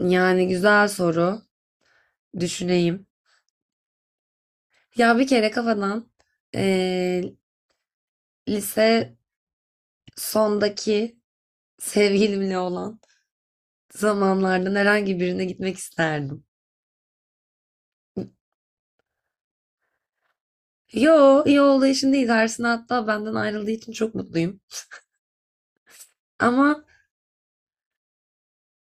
Yani güzel soru. Düşüneyim. Ya bir kere kafadan eee, lise sondaki sevgilimle olan zamanlardan herhangi birine gitmek isterdim. Yo, iyi olduğu için değil. Arsına hatta benden ayrıldığı için çok mutluyum. Ama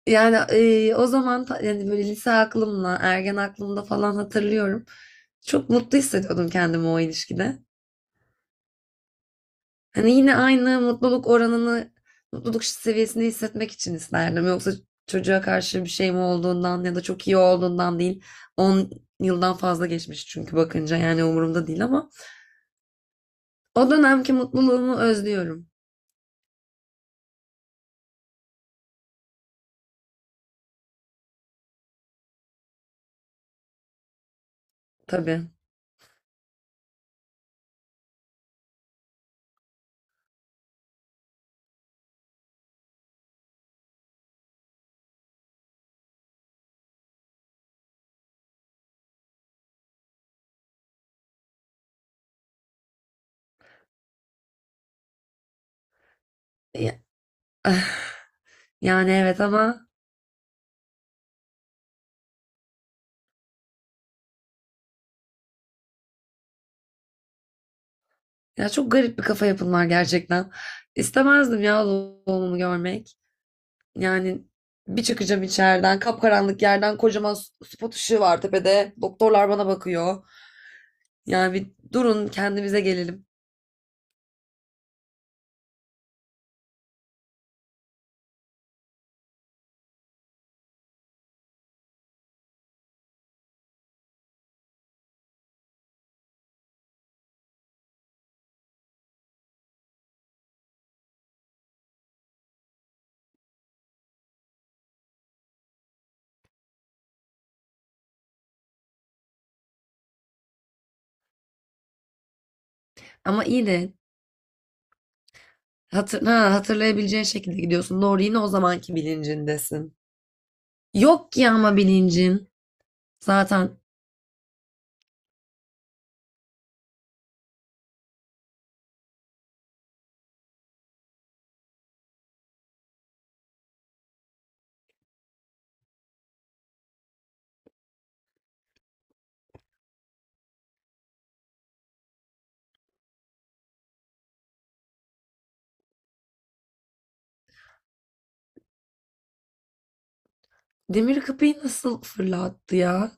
o zaman yani böyle lise aklımla, ergen aklımda falan hatırlıyorum. Çok mutlu hissediyordum kendimi o ilişkide. Hani yine aynı mutluluk oranını, mutluluk seviyesini hissetmek için isterdim. Yoksa çocuğa karşı bir şey mi olduğundan ya da çok iyi olduğundan değil. 10 yıldan fazla geçmiş çünkü bakınca yani umurumda değil ama o dönemki mutluluğumu özlüyorum tabii. Ya- Yani evet ama ya çok garip bir kafa yapın var gerçekten. İstemezdim ya doğumumu görmek. Yani bir çıkacağım içeriden, kapkaranlık yerden kocaman spot ışığı var tepede. Doktorlar bana bakıyor. Yani bir durun kendimize gelelim. Ama iyi de hatırlayabileceğin şekilde gidiyorsun. Doğru yine o zamanki bilincindesin. Yok ki ama bilincin. Zaten demir kapıyı nasıl fırlattı ya?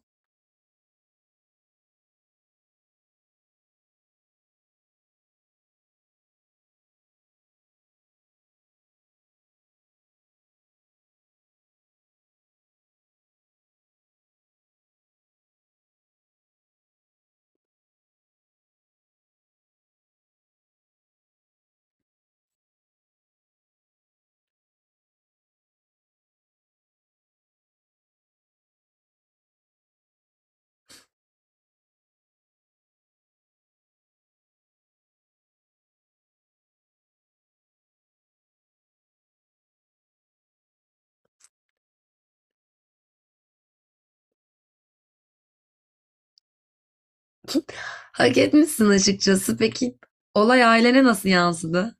Hak etmişsin açıkçası. Peki olay ailene nasıl yansıdı?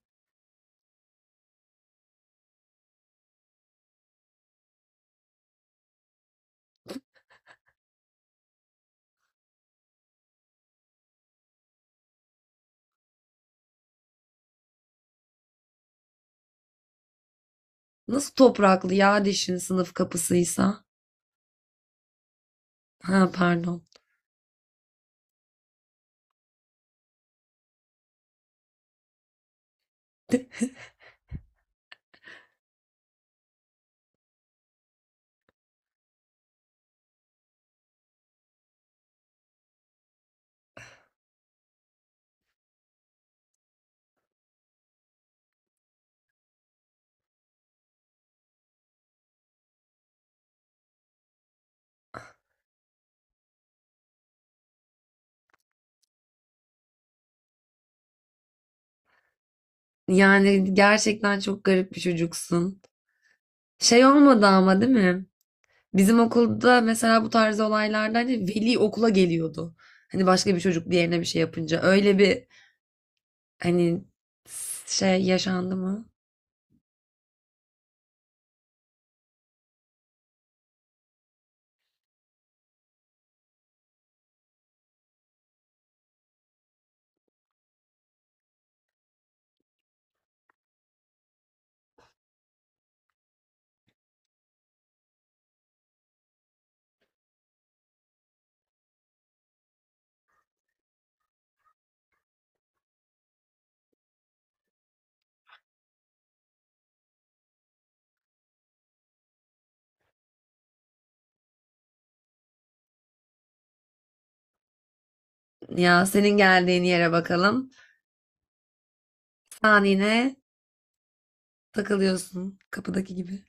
Nasıl topraklı ya dişin, sınıf kapısıysa? Ha pardon. Yani gerçekten çok garip bir çocuksun. Şey olmadı ama değil mi? Bizim okulda mesela bu tarz olaylarda hani veli okula geliyordu. Hani başka bir çocuk diğerine bir şey yapınca. Öyle bir hani şey yaşandı mı? Ya senin geldiğin yere bakalım. Sen yine takılıyorsun kapıdaki gibi.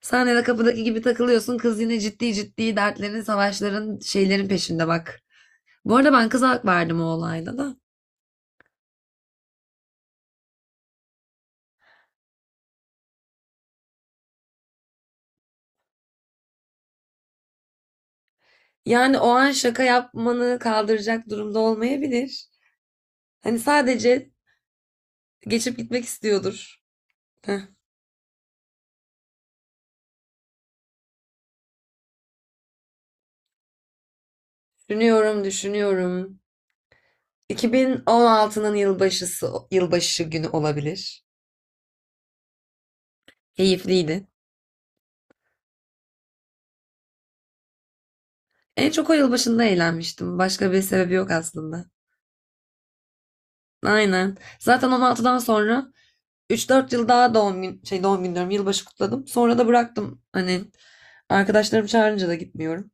Sen yine kapıdaki gibi takılıyorsun. Kız yine ciddi ciddi dertlerin, savaşların, şeylerin peşinde bak. Bu arada ben kıza hak verdim o olayda da. Yani o an şaka yapmanı kaldıracak durumda olmayabilir. Hani sadece geçip gitmek istiyordur. Heh. Düşünüyorum, düşünüyorum. 2016'nın yılbaşısı, yılbaşı günü olabilir. Keyifliydi. En çok o yılbaşında eğlenmiştim. Başka bir sebebi yok aslında. Aynen. Zaten 16'dan sonra 3-4 yıl daha doğum gün, şey doğum günü diyorum, yılbaşı kutladım. Sonra da bıraktım. Hani arkadaşlarım çağırınca da gitmiyorum.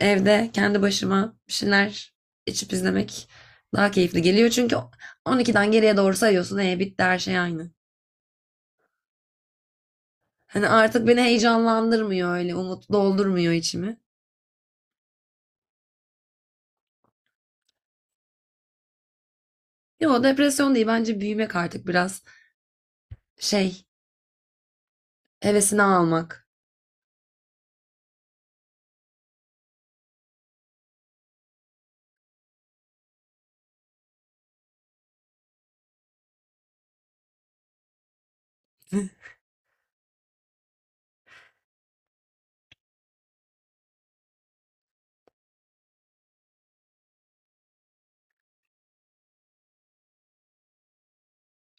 Evde kendi başıma bir şeyler içip izlemek daha keyifli geliyor. Çünkü 12'den geriye doğru sayıyorsun. E bitti her şey aynı. Hani artık beni heyecanlandırmıyor, öyle umut doldurmuyor içimi. Yo, depresyon değil bence, büyümek artık biraz şey, hevesini almak.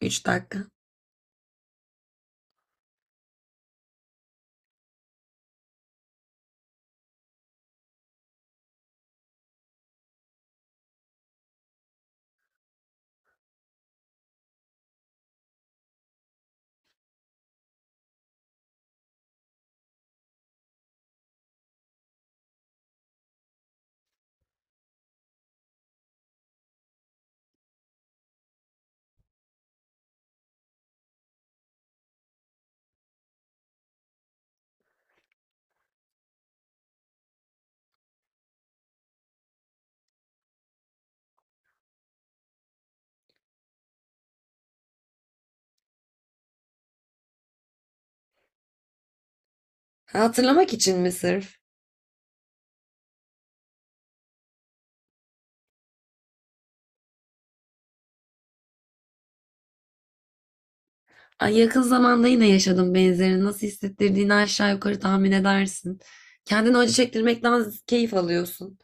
Üç dakika. Ha, hatırlamak için mi sırf? Ay, yakın zamanda yine yaşadım benzerini. Nasıl hissettirdiğini aşağı yukarı tahmin edersin. Kendini acı çektirmekten keyif alıyorsun.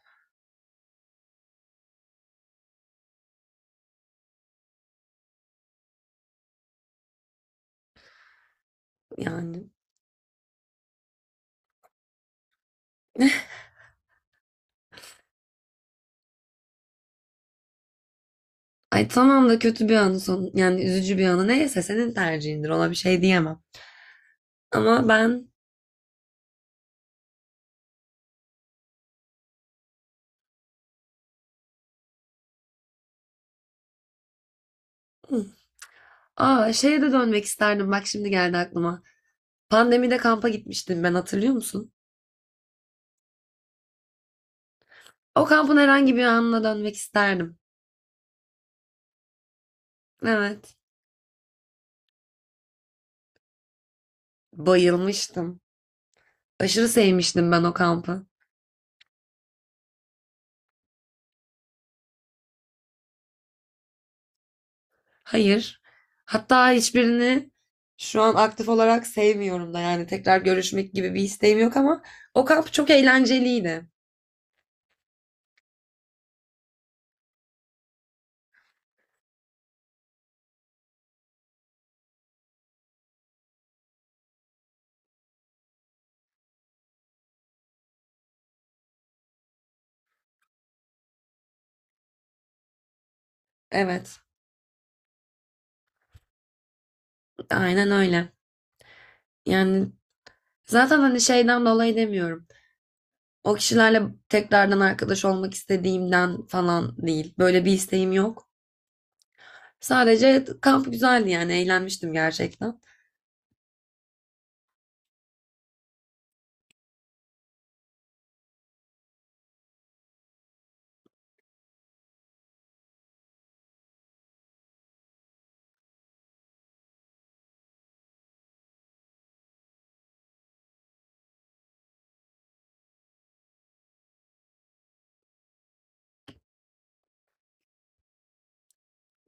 Yani. Ay tamam da kötü bir anı son yani üzücü bir anı neyse senin tercihindir, ona bir şey diyemem. Ama ben, aa, şeye de dönmek isterdim, bak şimdi geldi aklıma. Pandemide kampa gitmiştim ben, hatırlıyor musun? O kampın herhangi bir anına dönmek isterdim. Evet. Bayılmıştım. Aşırı sevmiştim ben o kampı. Hayır. Hatta hiçbirini şu an aktif olarak sevmiyorum da, yani tekrar görüşmek gibi bir isteğim yok ama o kamp çok eğlenceliydi. Evet. Aynen öyle. Yani zaten hani şeyden dolayı demiyorum. O kişilerle tekrardan arkadaş olmak istediğimden falan değil. Böyle bir isteğim yok. Sadece kamp güzeldi, yani eğlenmiştim gerçekten.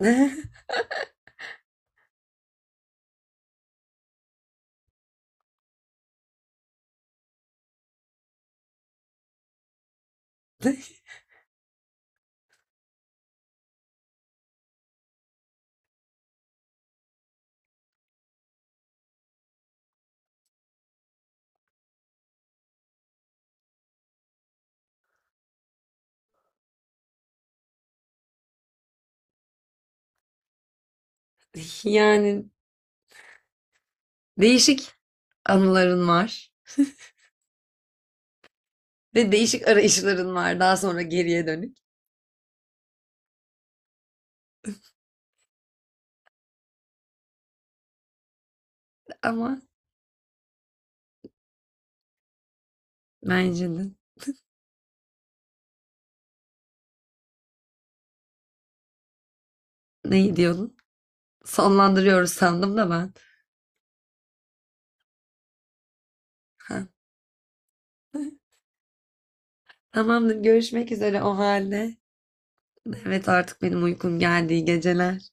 Yani değişik anıların var ve değişik arayışların var daha sonra geriye dönük. Ama bence de ne diyordun? Sonlandırıyoruz sandım da ben. Ha. Tamamdır, görüşmek üzere o halde. Evet artık benim uykum geldi. İyi geceler.